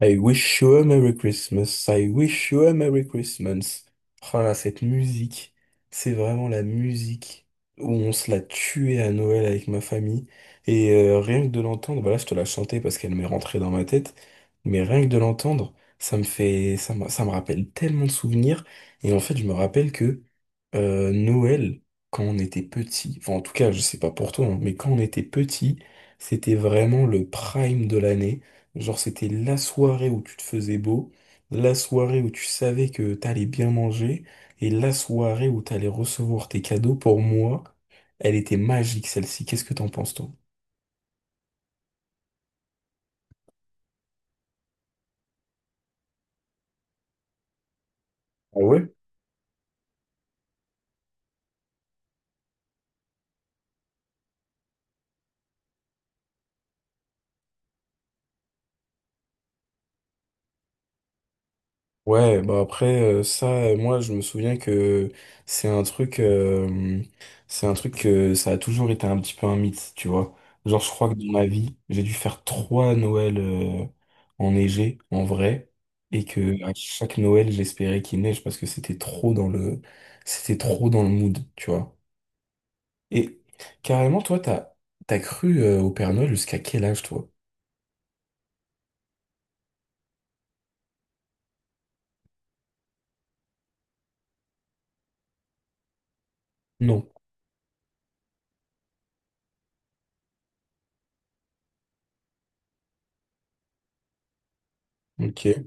I wish you a Merry Christmas, I wish you a Merry Christmas. Oh là, cette musique, c'est vraiment la musique où on se l'a tuée à Noël avec ma famille. Et rien que de l'entendre, bah là je te la chantais parce qu'elle m'est rentrée dans ma tête, mais rien que de l'entendre, ça me fait, ça me rappelle tellement de souvenirs. Et en fait, je me rappelle que Noël, quand on était petit, enfin en tout cas, je sais pas pour toi, hein, mais quand on était petit, c'était vraiment le prime de l'année. Genre, c'était la soirée où tu te faisais beau, la soirée où tu savais que t'allais bien manger, et la soirée où t'allais recevoir tes cadeaux. Pour moi, elle était magique, celle-ci. Qu'est-ce que t'en penses, toi? Ah ouais? Ouais, bah après moi je me souviens que c'est un truc, euh, c'est un truc que ça a toujours été un petit peu un mythe, tu vois. Genre je crois que dans ma vie, j'ai dû faire trois Noëls enneigés en vrai, et que à chaque Noël j'espérais qu'il neige parce que c'était trop dans le mood, tu vois. Et carrément t'as cru au Père Noël jusqu'à quel âge toi? Non. Ok.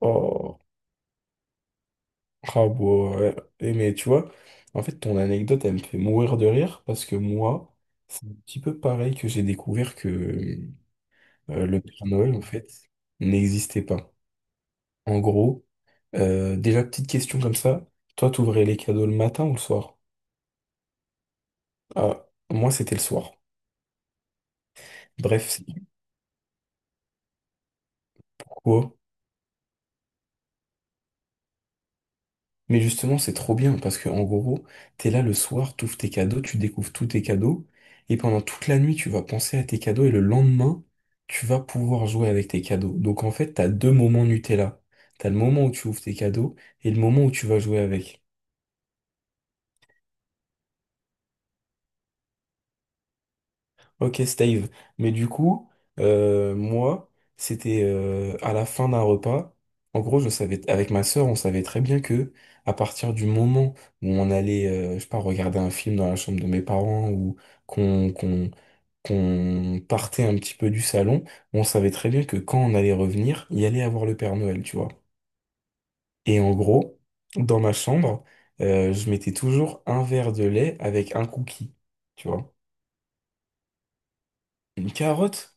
Oh. Ah, bon, ouais. Et mais tu vois, en fait, ton anecdote, elle me fait mourir de rire parce que moi, c'est un petit peu pareil que j'ai découvert que le Père Noël, en fait, n'existait pas. En gros, déjà, petite question comme ça, toi, t'ouvrais les cadeaux le matin ou le soir? Ah, moi, c'était le soir. Bref, c'est pourquoi Mais justement, c'est trop bien parce que en gros, t'es là le soir, t'ouvres tes cadeaux, tu découvres tous tes cadeaux, et pendant toute la nuit, tu vas penser à tes cadeaux, et le lendemain, tu vas pouvoir jouer avec tes cadeaux. Donc en fait, t'as deux moments Nutella. T'as le moment où tu ouvres tes cadeaux et le moment où tu vas jouer avec. Ok, Steve. Mais du coup, moi, c'était à la fin d'un repas. En gros, je savais, avec ma sœur, on savait très bien que à partir du moment où on allait, je sais pas, regarder un film dans la chambre de mes parents ou qu'on qu'on qu'on partait un petit peu du salon, on savait très bien que quand on allait revenir, il y allait avoir le Père Noël, tu vois. Et en gros, dans ma chambre, je mettais toujours un verre de lait avec un cookie, tu vois. Une carotte.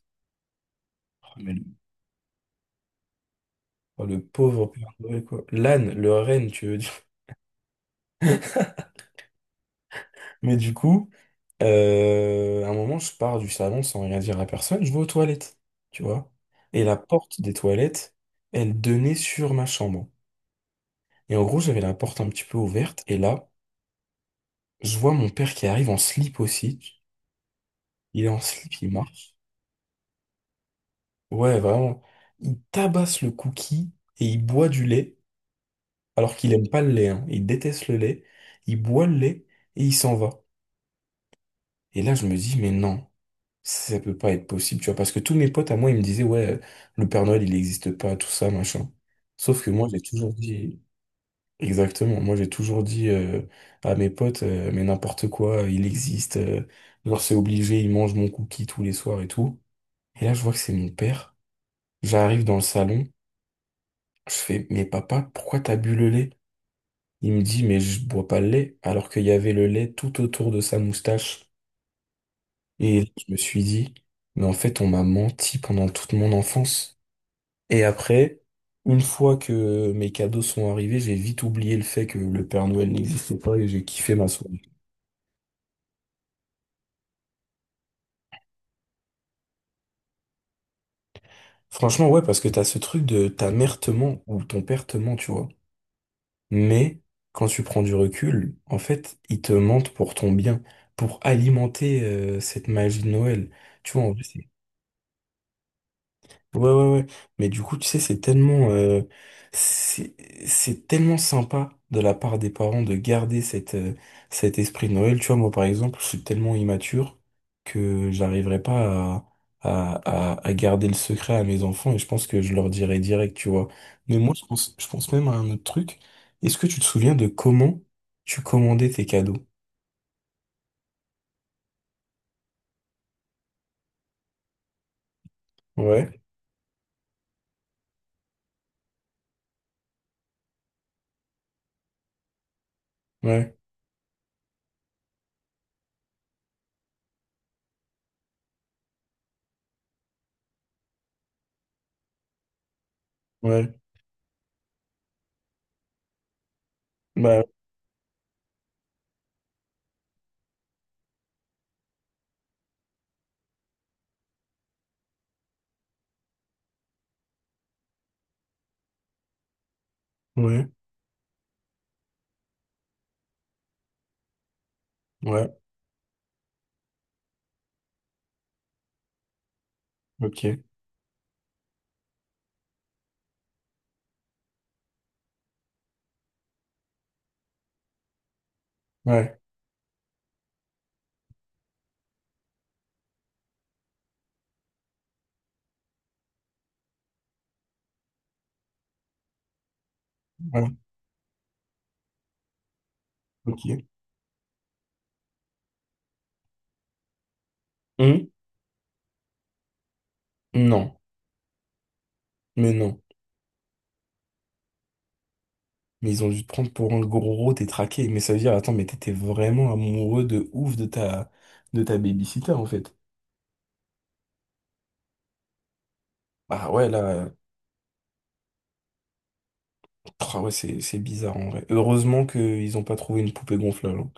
Oh, le pauvre Père Noël, quoi. L'âne, le renne, tu veux dire. Mais du coup, à un moment, je pars du salon sans rien dire à personne, je vais aux toilettes, tu vois. Et la porte des toilettes, elle donnait sur ma chambre. Et en gros, j'avais la porte un petit peu ouverte, et là, je vois mon père qui arrive en slip aussi. Il est en slip, il marche. Ouais, vraiment. Il tabasse le cookie et il boit du lait, alors qu'il aime pas le lait, hein. Il déteste le lait. Il boit le lait et il s'en va. Et là, je me dis, mais non. Ça peut pas être possible, tu vois, parce que tous mes potes à moi, ils me disaient, ouais, le Père Noël, il n'existe pas, tout ça, machin. Sauf que moi, j'ai toujours dit, exactement, moi, j'ai toujours dit à mes potes, mais n'importe quoi, il existe, genre, c'est obligé, il mange mon cookie tous les soirs et tout. Et là, je vois que c'est mon père. J'arrive dans le salon, je fais, mais papa, pourquoi t'as bu le lait? Il me dit, mais je bois pas le lait, alors qu'il y avait le lait tout autour de sa moustache. Et je me suis dit, mais en fait, on m'a menti pendant toute mon enfance. Et après, une fois que mes cadeaux sont arrivés, j'ai vite oublié le fait que le Père Noël n'existait pas et j'ai kiffé ma soirée. Franchement, ouais, parce que t'as ce truc de ta mère te ment ou ton père te ment, tu vois. Mais quand tu prends du recul, en fait, ils te mentent pour ton bien, pour alimenter cette magie de Noël. Tu vois, en vrai, ouais, ouais, ouais. Mais du coup, tu sais, c'est, c'est tellement sympa de la part des parents de garder cet esprit de Noël. Tu vois, moi, par exemple, je suis tellement immature que j'arriverai pas à garder le secret à mes enfants et je pense que je leur dirai direct, tu vois. Mais moi, je pense même à un autre truc. Est-ce que tu te souviens de comment tu commandais tes cadeaux? Ouais, ouais, ouais. Bah, ouais, ouais, ok. Ouais, ouais, ok. Hum. Non. Mais non. Mais ils ont dû te prendre pour un gros détraqué. Mais ça veut dire, attends, mais t'étais vraiment amoureux de ouf de ta babysitter, en fait. Ah ouais, là, ah ouais, c'est bizarre, en vrai. Heureusement qu'ils ont pas trouvé une poupée gonflable, hein.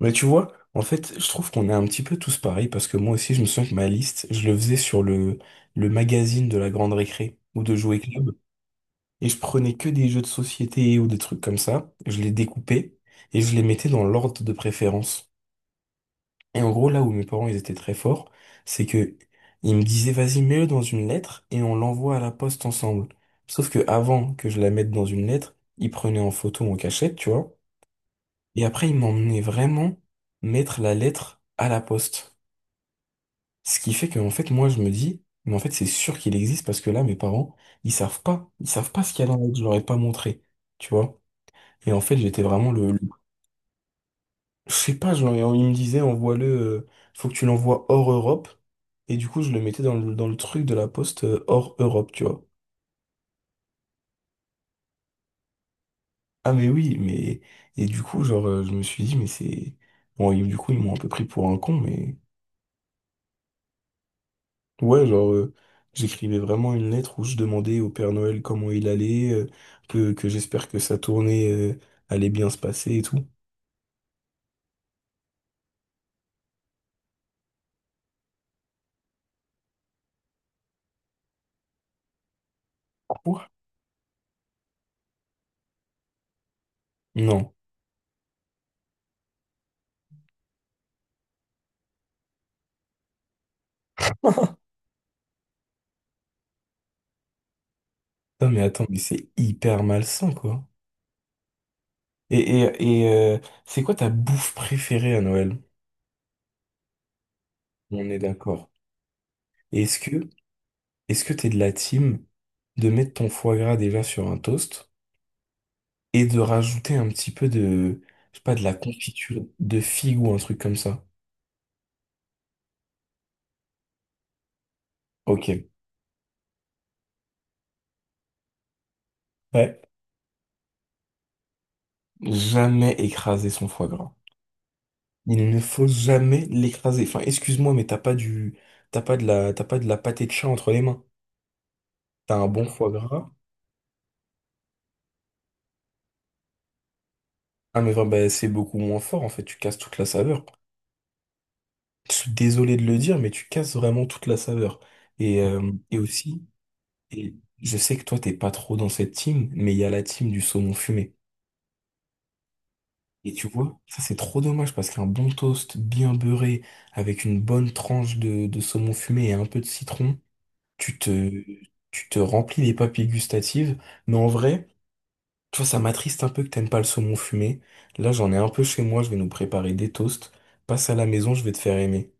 Mais tu vois, en fait, je trouve qu'on est un petit peu tous pareils parce que moi aussi, je me souviens que ma liste, je le faisais le magazine de la Grande Récré ou de Jouets Club. Et je prenais que des jeux de société ou des trucs comme ça. Je les découpais et je les mettais dans l'ordre de préférence. Et en gros, là où mes parents, ils étaient très forts, c'est que ils me disaient, vas-y, mets-le dans une lettre et on l'envoie à la poste ensemble. Sauf que avant que je la mette dans une lettre, ils prenaient en photo en cachette, tu vois. Et après, ils m'emmenaient vraiment mettre la lettre à la poste. Ce qui fait que, en fait, moi, je me dis, mais en fait, c'est sûr qu'il existe parce que là, mes parents, ils savent pas. Ils savent pas ce qu'il y a dans la lettre. Je leur ai pas montré, tu vois. Et en fait, j'étais vraiment le Je sais pas, genre, il me disait, envoie-le, faut que tu l'envoies hors Europe. Et du coup, je le mettais dans le truc de la poste hors Europe, tu vois. Ah, mais oui, mais. Et du coup, genre, je me suis dit, mais c'est. Bon, et du coup, ils m'ont un peu pris pour un con, mais. Ouais, genre, j'écrivais vraiment une lettre où je demandais au Père Noël comment il allait, que j'espère que sa tournée, allait bien se passer et tout. Quoi? Non. Non, mais attends, mais c'est hyper malsain, quoi. Et c'est quoi ta bouffe préférée à Noël? On est d'accord. Et est-ce que t'es de la team de mettre ton foie gras déjà sur un toast et de rajouter un petit peu de, je sais pas, de la confiture de figue ou un truc comme ça? Ok. Ouais. Jamais écraser son foie gras. Il ne faut jamais l'écraser. Enfin, excuse-moi, mais t'as pas de la pâté de chat entre les mains. T'as un bon foie gras. Ah, mais vraiment, bah, c'est beaucoup moins fort, en fait. Tu casses toute la saveur. Je suis désolé de le dire, mais tu casses vraiment toute la saveur. Et, aussi, et je sais que toi, t'es pas trop dans cette team, mais il y a la team du saumon fumé. Et tu vois, ça c'est trop dommage parce qu'un bon toast bien beurré avec une bonne tranche de saumon fumé et un peu de citron, tu te, tu te remplis les papilles gustatives. Mais en vrai, tu vois, ça m'attriste un peu que t'aimes pas le saumon fumé. Là, j'en ai un peu chez moi, je vais nous préparer des toasts. Passe à la maison, je vais te faire aimer.